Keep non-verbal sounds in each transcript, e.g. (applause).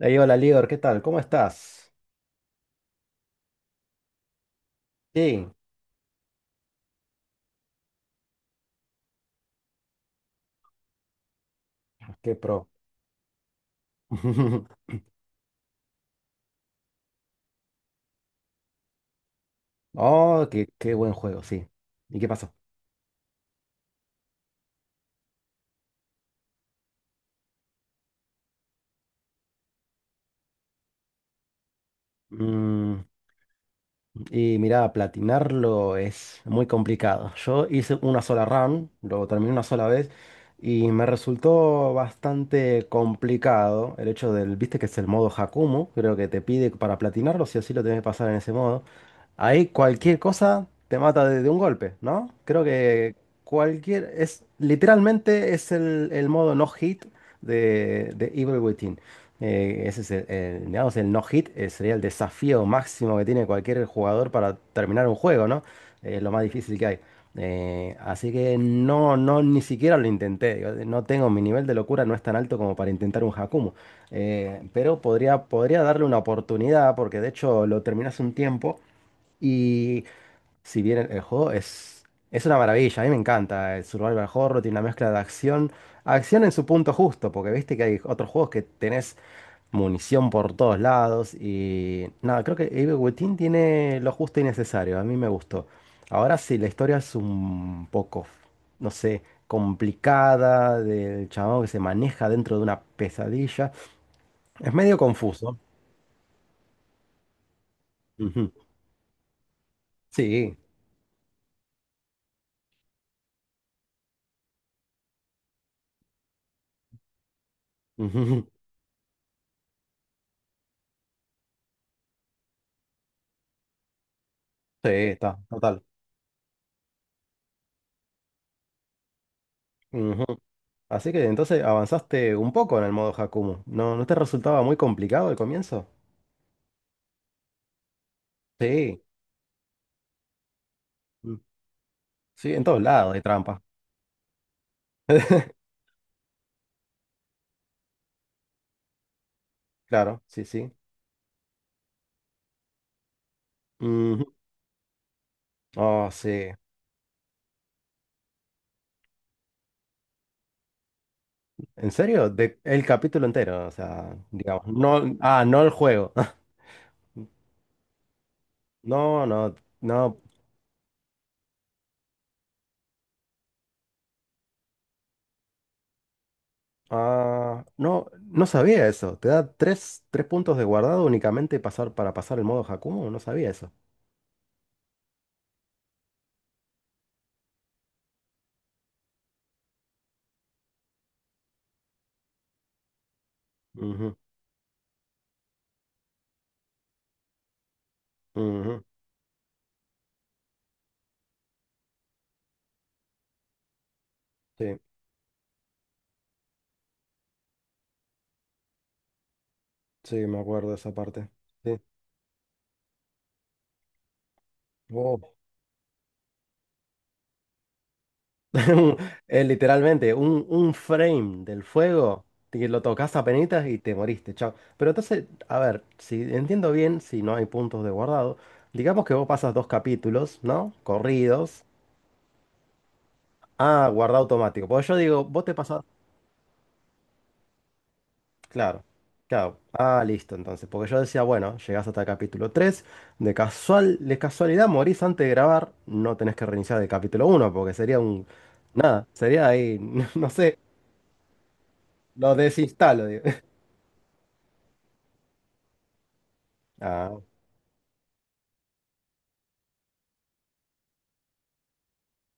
Ey, hola, Lior, ¿qué tal? ¿Cómo estás? Sí, qué pro. (laughs) Oh, qué buen juego, sí. ¿Y qué pasó? Y mira, platinarlo es muy complicado. Yo hice una sola run, lo terminé una sola vez y me resultó bastante complicado el hecho del, viste que es el modo Hakumu, creo que te pide para platinarlo, si así lo tenés que pasar en ese modo. Ahí cualquier cosa te mata de un golpe, ¿no? Creo que cualquier, es literalmente es el modo no hit de Evil Within. Ese es el- digamos, el no hit, sería el desafío máximo que tiene cualquier jugador para terminar un juego, ¿no? Es lo más difícil que hay. Así que no, no, ni siquiera lo intenté. Digo, no tengo mi nivel de locura, no es tan alto como para intentar un Hakumu. Pero podría darle una oportunidad, porque de hecho lo terminé hace un tiempo. Y si bien el juego es una maravilla, a mí me encanta. El Survival Horror tiene una mezcla de acción. Acción en su punto justo, porque viste que hay otros juegos que tenés munición por todos lados y nada, creo que Abe Wetin tiene lo justo y necesario, a mí me gustó. Ahora sí, la historia es un poco, no sé, complicada, del chabón que se maneja dentro de una pesadilla. Es medio confuso. Ujú. Sí, ujú. Sí, está, total. Ujú. Así que entonces avanzaste un poco en el modo Hakumu. ¿No, no te resultaba muy complicado el comienzo? Sí, mm, sí, en todos lados hay trampa. (laughs) Claro, sí, sí. Oh, sí. ¿En serio? De, el capítulo entero, o sea, digamos. No, ah, no el juego. (laughs) No, no, no. Ah, no, no sabía eso. Te da tres, tres puntos de guardado únicamente pasar, para pasar el modo Hakumo. No sabía eso. Ujú, ujú. Sí, sí, me acuerdo de esa parte. Sí. Oh. (laughs) Literalmente, un frame del fuego, que lo tocas penitas y te moriste, chao. Pero entonces, a ver, si entiendo bien, si no hay puntos de guardado, digamos que vos pasas dos capítulos, ¿no? Corridos, a guardado automático. Porque yo digo, vos te pasás, claro, claro, ah, listo, entonces. Porque yo decía, bueno, llegás hasta el capítulo 3 de casual, de casualidad morís antes de grabar, no tenés que reiniciar el capítulo uno porque sería un, nada, sería ahí, (laughs) no sé, lo desinstalo, digo. Ah,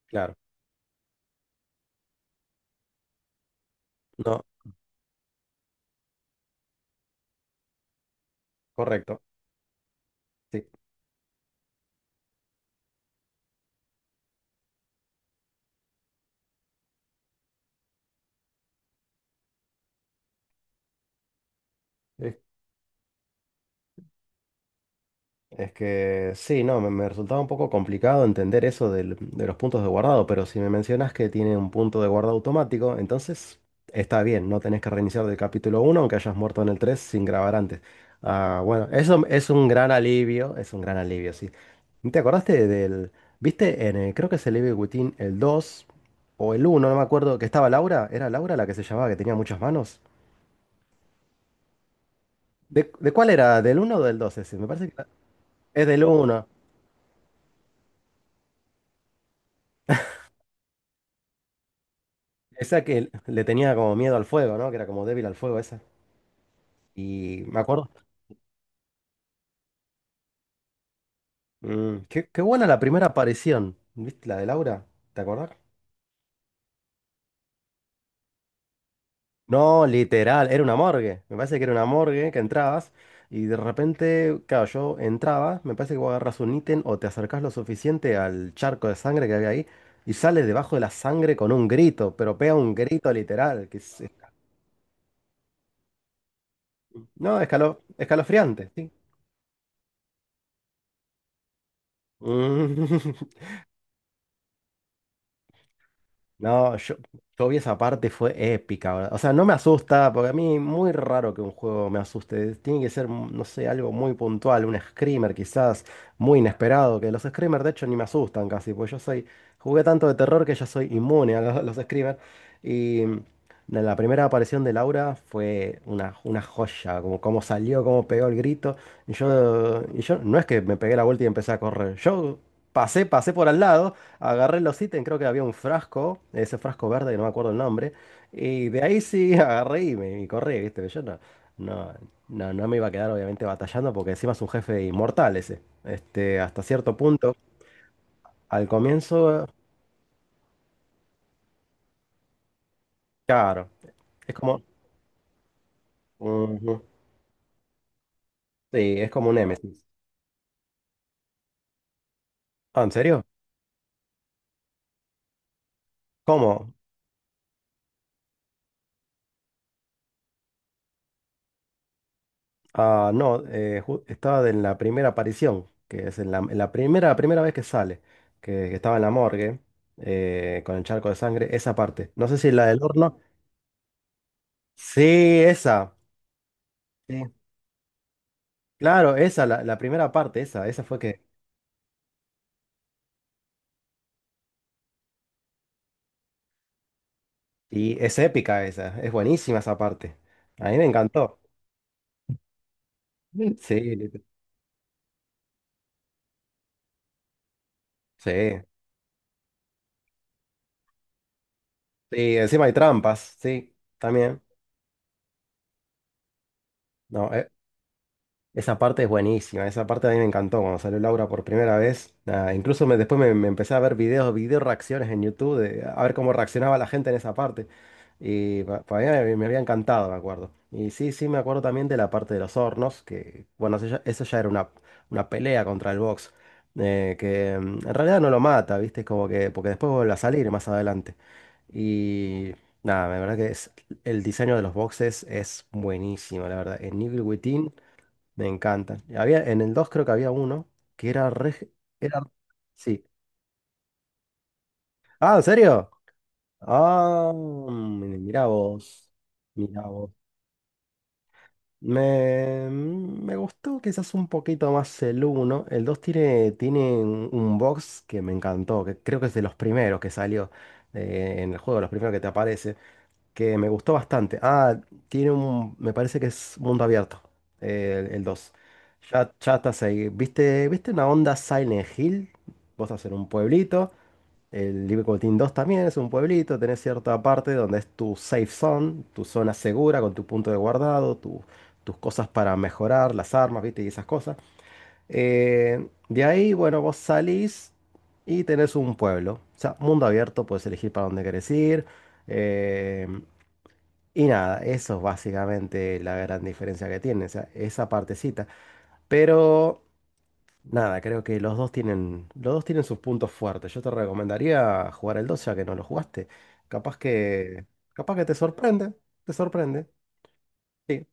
claro. No, correcto. Sí. Es, es que sí, no, me resultaba un poco complicado entender eso del- de los puntos de guardado, pero si me mencionas que tiene un punto de guardado automático, entonces está bien, no tenés que reiniciar del capítulo uno, aunque hayas muerto en el 3 sin grabar antes. Ah, bueno, eso es un gran alivio, es un gran alivio, sí. ¿Te acordaste del, viste, en el- creo que es el Evil Within el 2 o el uno? No me acuerdo, que estaba Laura. ¿Era Laura la que se llamaba, que tenía muchas manos? De cuál era? ¿Del uno o del 2 ese? Me parece que era- es del uno. Esa que le tenía como miedo al fuego, ¿no? Que era como débil al fuego esa. Y me acuerdo. Mm, qué buena la primera aparición. ¿Viste la de Laura? ¿Te acordás? No, literal, era una morgue. Me parece que era una morgue que entrabas y de repente, claro, yo entraba, me parece que vos agarras un ítem o te acercás lo suficiente al charco de sangre que había ahí y sales debajo de la sangre con un grito, pero pega un grito literal, que es, no, escalo- escalofriante, sí. Mm. (laughs) No, yo vi esa parte, fue épica, ¿verdad? O sea, no me asusta, porque a mí muy raro que un juego me asuste. Tiene que ser, mm, no sé, algo muy puntual, un screamer quizás, muy inesperado, que los screamers de hecho ni me asustan casi, porque yo soy, jugué tanto de terror que ya soy inmune a lo- (laughs) los, screamers. Y mm, la primera aparición de Laura fue una joya, como como salió, cómo pegó el grito. Y yo, no es que me pegué la vuelta y empecé a correr, yo pasé, pasé por al lado. Agarré los ítems, creo que había un frasco, ese frasco verde que no me acuerdo el nombre, y de ahí sí (laughs) agarré y me y corrí, ¿viste? Yo no, no, no, no me iba a quedar obviamente batallando porque encima es un jefe inmortal ese. Este, hasta cierto punto, al comienzo, claro, es como... Ujú. Sí, es como un Némesis. Ah, ¿en serio? ¿Cómo? Ah, no, ju- estaba en la primera aparición, que es en la primera, primera vez que sale, que estaba en la morgue, con el charco de sangre, esa parte. No sé si la del horno. Sí, esa. Sí. Claro, esa, la primera parte, esa fue que... Y es épica esa, es buenísima esa parte. A mí me encantó. (laughs) Sí, lit- sí. Sí, encima hay trampas, sí, también. No, e, esa parte es buenísima, esa parte a mí me encantó cuando salió Laura por primera vez. Nada, incluso me, después me, me empecé a ver videos, video reacciones en YouTube, de, a ver cómo reaccionaba la gente en esa parte. Y pa- para mí me, me había encantado, me acuerdo. Y sí, sí, me acuerdo también de la parte de los hornos, que bueno, eso ya era una pelea contra el box, que mm, en realidad no lo mata, ¿viste? Es como que, porque después vuelve a salir más adelante. Y nada, la verdad que es, el diseño de los boxes es buenísimo, la verdad. En Evil Within. Me encantan. Y había, en el 2 creo que había uno que era re... Era... Sí. Ah, ¿en serio? Ah, mi- mirá vos. Mirá vos. Me gustó quizás un poquito más el uno. El 2 tiene, tiene un box que me encantó, que creo que es de los primeros que salió en el juego, los primeros que te aparecen. Que me gustó bastante. Ah, tiene un, me parece que es mundo abierto, el dos. Ya, ya estás ahí. ¿Viste, viste una onda Silent Hill? Vos estás en un pueblito. El Libre 2 también es un pueblito. Tenés cierta parte donde es tu safe zone, tu zona segura con tu punto de guardado, tu- tus cosas para mejorar, las armas, ¿viste? Y esas cosas. De ahí, bueno, vos salís y tenés un pueblo. O sea, mundo abierto, puedes elegir para dónde querés ir. eh, y nada, eso es básicamente la gran diferencia que tienen, o sea, esa partecita. Pero nada, creo que los dos tienen sus puntos fuertes. Yo te recomendaría jugar el 2 ya que no lo jugaste. Capaz que, capaz que te sorprende, te sorprende. Sí.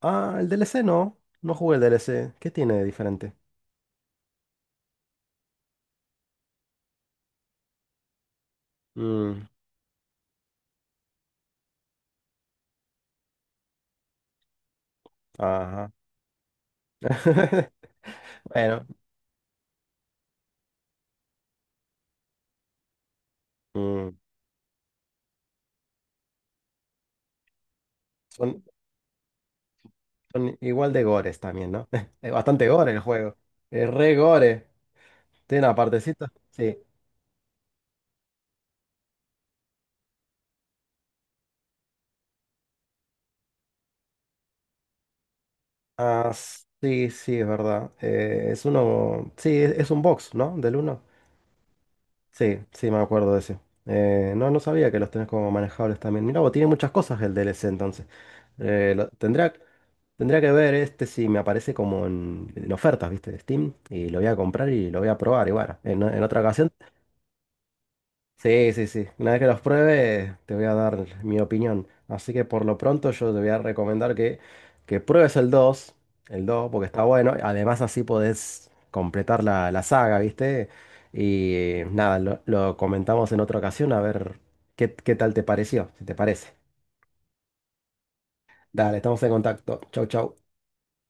Ah, el DLC no, no jugué el DLC. ¿Qué tiene de diferente? Mm, ajá. (laughs) Bueno, mm, son, son igual de gores también, ¿no? (laughs) Es bastante gore el juego. Es re gore. Tiene una partecita. Sí. Ah, sí, sí, es verdad. Es uno. Sí, es un box, ¿no? Del uno. Sí, sí, me acuerdo de ese. No, no sabía que los tenés como manejables también. Mirá, vos tiene muchas cosas el DLC entonces. Lo- tendría, tendría que ver este si me aparece como en ofertas, ¿viste? De Steam. Y lo voy a comprar y lo voy a probar. Y bueno, en otra ocasión. Sí, sí, sí. Una vez que los pruebe, te voy a dar mi opinión. Así que por lo pronto yo te voy a recomendar que pruebes el 2, porque está bueno. Además así podés completar la, la saga, ¿viste? Y nada, lo comentamos en otra ocasión a ver qué tal te pareció, si te parece. Dale, estamos en contacto. Chau, chau.